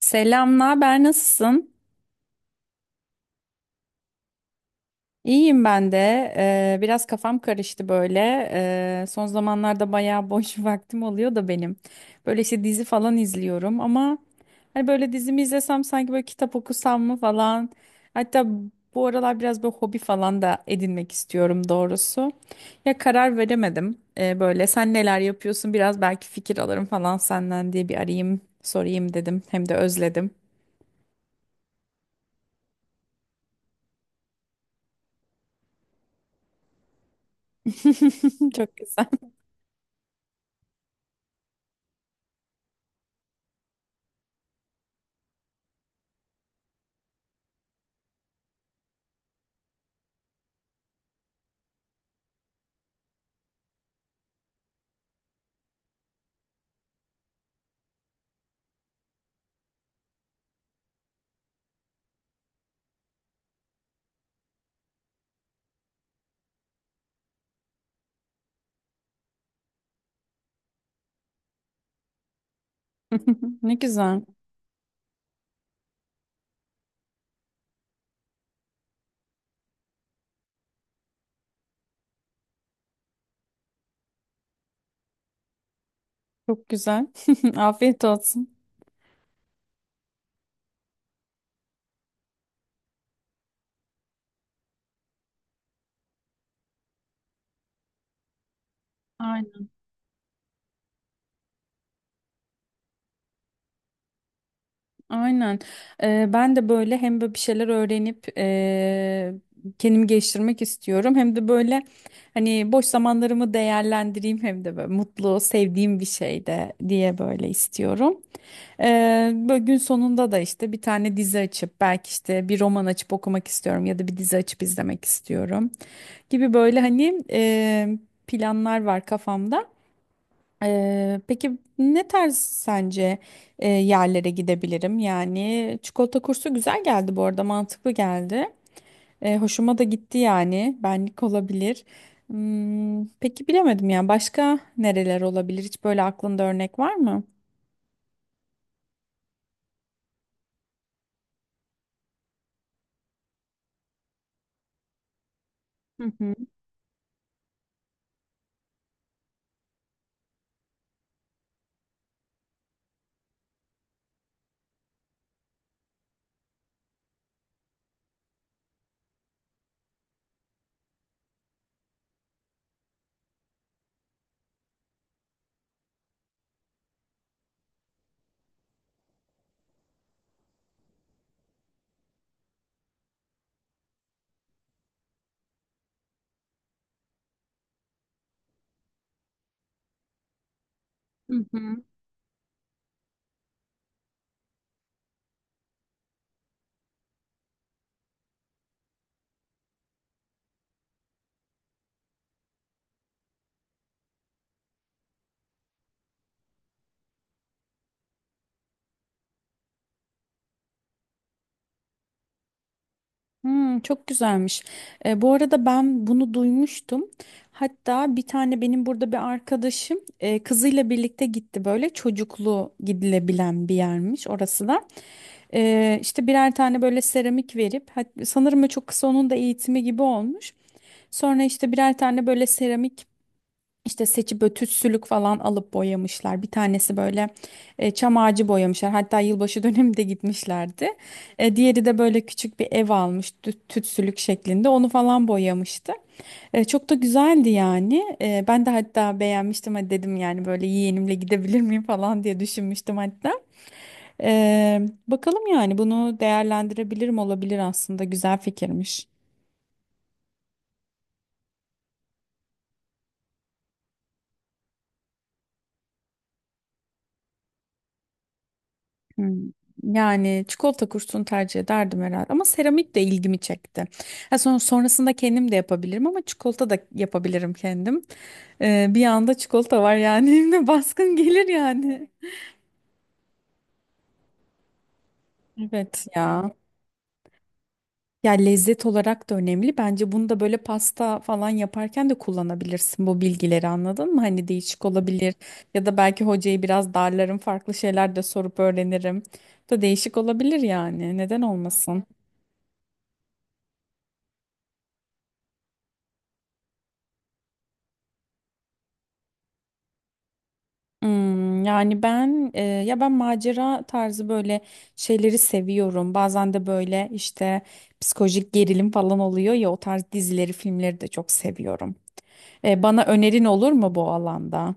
Selam, naber, nasılsın? İyiyim ben de. Biraz kafam karıştı böyle. Son zamanlarda bayağı boş vaktim oluyor da benim. Böyle işte dizi falan izliyorum ama hani böyle dizimi izlesem sanki böyle kitap okusam mı falan. Hatta bu aralar biraz böyle hobi falan da edinmek istiyorum doğrusu. Ya karar veremedim. Böyle sen neler yapıyorsun biraz belki fikir alırım falan senden diye bir arayayım sorayım dedim. Hem de özledim. Çok güzel. Ne güzel. Çok güzel. Afiyet olsun. Aynen. Aynen. Ben de böyle hem böyle bir şeyler öğrenip kendimi geliştirmek istiyorum. Hem de böyle hani boş zamanlarımı değerlendireyim hem de böyle mutlu, sevdiğim bir şey de diye böyle istiyorum. Böyle gün sonunda da işte bir tane dizi açıp belki işte bir roman açıp okumak istiyorum ya da bir dizi açıp izlemek istiyorum gibi böyle hani planlar var kafamda. Peki ne tarz sence yerlere gidebilirim? Yani çikolata kursu güzel geldi bu arada mantıklı geldi. E, hoşuma da gitti yani benlik olabilir. Hmm, peki bilemedim ya başka nereler olabilir? Hiç böyle aklında örnek var mı? Hı hı. Hı hı. Hmm, çok güzelmiş. E, bu arada ben bunu duymuştum. Hatta bir tane benim burada bir arkadaşım kızıyla birlikte gitti böyle çocuklu gidilebilen bir yermiş orası da. E, işte birer tane böyle seramik verip sanırım o çok kısa onun da eğitimi gibi olmuş. Sonra işte birer tane böyle seramik işte seçip böyle tütsülük falan alıp boyamışlar. Bir tanesi böyle çam ağacı boyamışlar. Hatta yılbaşı döneminde gitmişlerdi. E, diğeri de böyle küçük bir ev almış tütsülük şeklinde. Onu falan boyamıştı. E, çok da güzeldi yani. E, ben de hatta beğenmiştim. Hadi dedim yani böyle yeğenimle gidebilir miyim falan diye düşünmüştüm hatta. E, Bakalım yani bunu değerlendirebilirim olabilir aslında. Güzel fikirmiş. Hmm, yani çikolata kursunu tercih ederdim herhalde ama seramik de ilgimi çekti. Ha, sonrasında kendim de yapabilirim ama çikolata da yapabilirim kendim. Bir anda çikolata var yani evime baskın gelir yani. Evet ya. Ya lezzet olarak da önemli. Bence bunu da böyle pasta falan yaparken de kullanabilirsin bu bilgileri anladın mı? Hani değişik olabilir ya da belki hocayı biraz darlarım farklı şeyler de sorup öğrenirim. Bu da değişik olabilir yani neden olmasın? Hmm, yani ya ben macera tarzı böyle şeyleri seviyorum. Bazen de böyle işte psikolojik gerilim falan oluyor ya o tarz dizileri, filmleri de çok seviyorum. E, bana önerin olur mu bu alanda?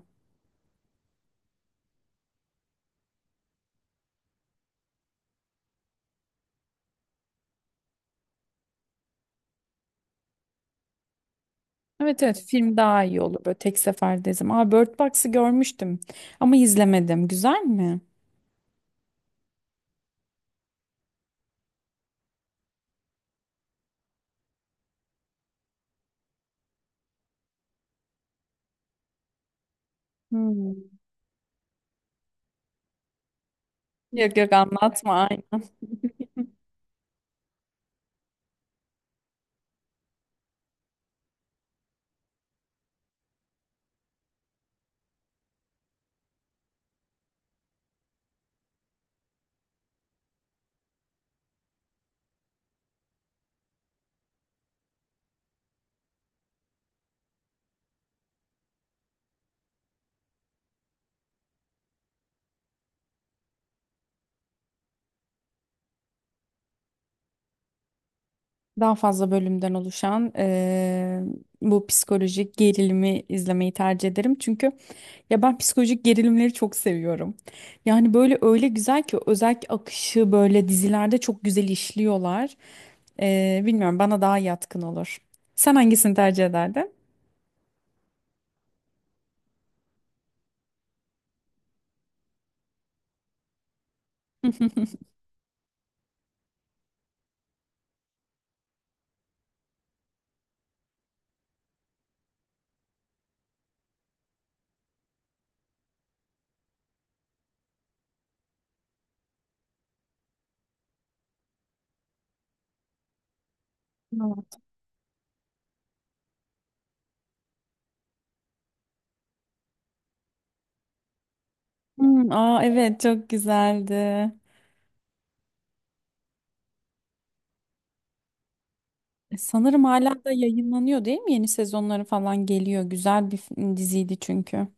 Evet, evet. Film daha iyi olur böyle tek seferde izlerim. Aa Bird Box'ı görmüştüm ama izlemedim. Güzel mi? Hmm. Yok yok anlatma aynen. Daha fazla bölümden oluşan bu psikolojik gerilimi izlemeyi tercih ederim. Çünkü ya ben psikolojik gerilimleri çok seviyorum. Yani böyle öyle güzel ki özellikle akışı böyle dizilerde çok güzel işliyorlar. Bilmiyorum bana daha yatkın olur. Sen hangisini tercih ederdin? Evet. Hmm, aa evet çok güzeldi. E, sanırım hala da yayınlanıyor değil mi? Yeni sezonları falan geliyor. Güzel bir diziydi çünkü.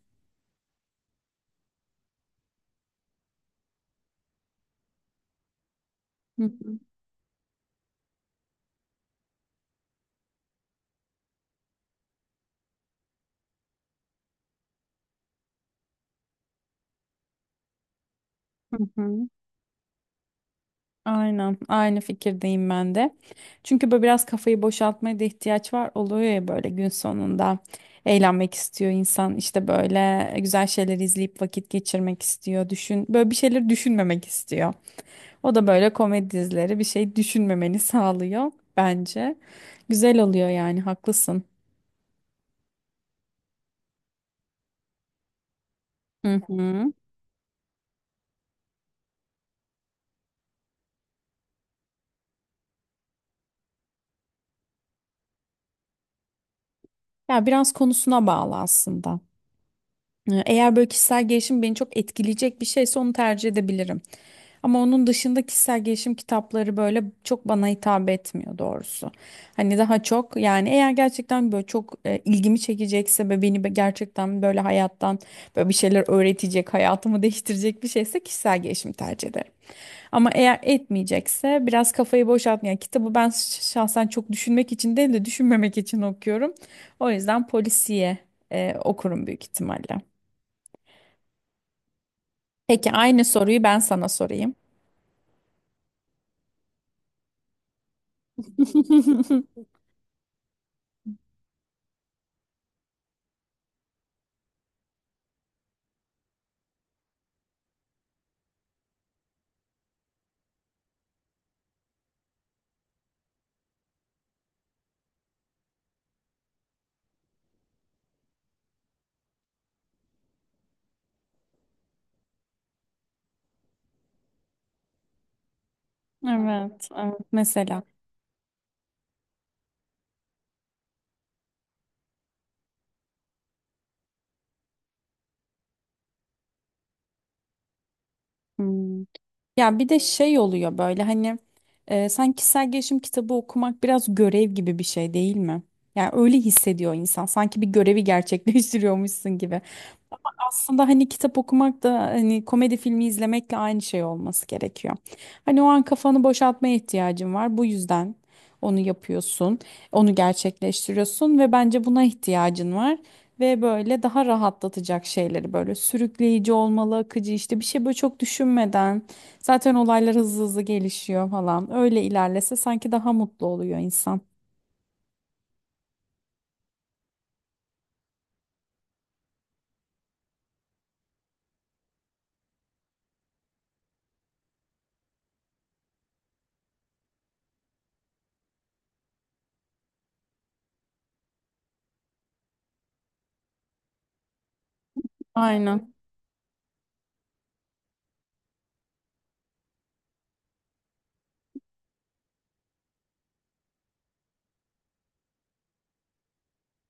Hı hı. Hı hı. Aynen, aynı fikirdeyim ben de. Çünkü böyle biraz kafayı boşaltmaya da ihtiyaç var. Oluyor ya böyle gün sonunda eğlenmek istiyor insan. İşte böyle güzel şeyler izleyip vakit geçirmek istiyor. Düşün, böyle bir şeyler düşünmemek istiyor. O da böyle komedi dizileri bir şey düşünmemeni sağlıyor bence. Güzel oluyor yani, haklısın. Hı hı. Ya biraz konusuna bağlı aslında. Eğer böyle kişisel gelişim beni çok etkileyecek bir şeyse onu tercih edebilirim. Ama onun dışında kişisel gelişim kitapları böyle çok bana hitap etmiyor doğrusu. Hani daha çok yani eğer gerçekten böyle çok ilgimi çekecekse ve beni gerçekten böyle hayattan böyle bir şeyler öğretecek, hayatımı değiştirecek bir şeyse kişisel gelişim tercih ederim. Ama eğer etmeyecekse biraz kafayı boşaltmayan kitabı ben şahsen çok düşünmek için değil de düşünmemek için okuyorum. O yüzden polisiye okurum büyük ihtimalle. Peki aynı soruyu ben sana sorayım. Evet, evet. Mesela. Hmm. Ya bir de şey oluyor böyle hani sanki kişisel gelişim kitabı okumak biraz görev gibi bir şey değil mi? Yani öyle hissediyor insan. Sanki bir görevi gerçekleştiriyormuşsun gibi. Aslında hani kitap okumak da hani komedi filmi izlemekle aynı şey olması gerekiyor. Hani o an kafanı boşaltmaya ihtiyacın var. Bu yüzden onu yapıyorsun, onu gerçekleştiriyorsun ve bence buna ihtiyacın var. Ve böyle daha rahatlatacak şeyleri böyle sürükleyici olmalı, akıcı işte bir şey böyle çok düşünmeden zaten olaylar hızlı hızlı gelişiyor falan. Öyle ilerlese sanki daha mutlu oluyor insan. Aynen.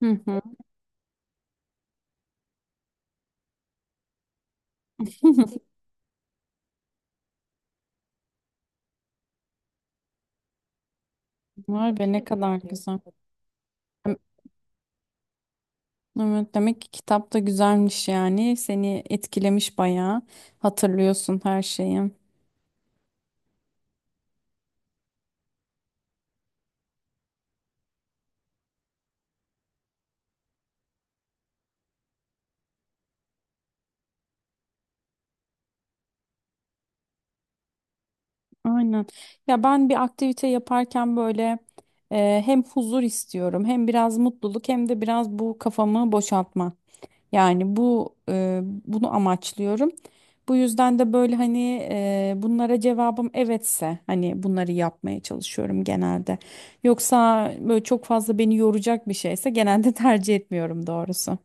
Hı hı. Vay be ne kadar güzel. Evet, demek ki kitap da güzelmiş yani. Seni etkilemiş bayağı. Hatırlıyorsun her şeyi. Aynen. Ya ben bir aktivite yaparken böyle hem huzur istiyorum, hem biraz mutluluk, hem de biraz bu kafamı boşaltma. Yani bunu amaçlıyorum. Bu yüzden de böyle hani bunlara cevabım evetse hani bunları yapmaya çalışıyorum genelde. Yoksa böyle çok fazla beni yoracak bir şeyse genelde tercih etmiyorum doğrusu.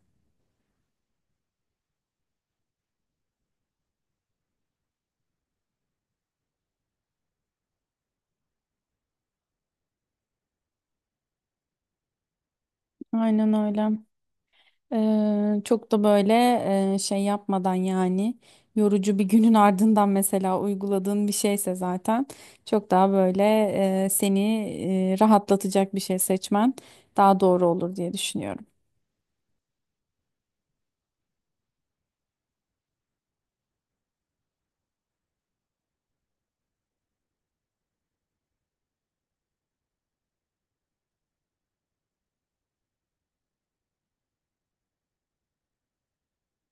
Aynen öyle. Çok da böyle şey yapmadan yani yorucu bir günün ardından mesela uyguladığın bir şeyse zaten çok daha böyle seni rahatlatacak bir şey seçmen daha doğru olur diye düşünüyorum.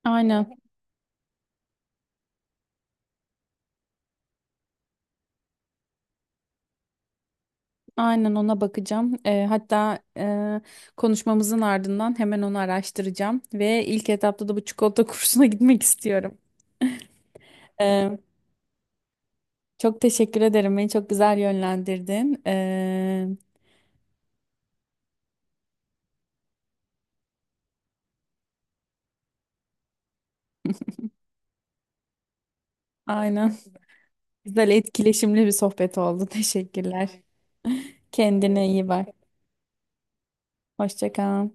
Aynen, aynen ona bakacağım. Hatta konuşmamızın ardından hemen onu araştıracağım ve ilk etapta da bu çikolata kursuna gitmek istiyorum. Eee, Çok teşekkür ederim. Beni çok güzel yönlendirdin. Aynen. Güzel etkileşimli bir sohbet oldu. Teşekkürler. Kendine iyi bak. Hoşça kal.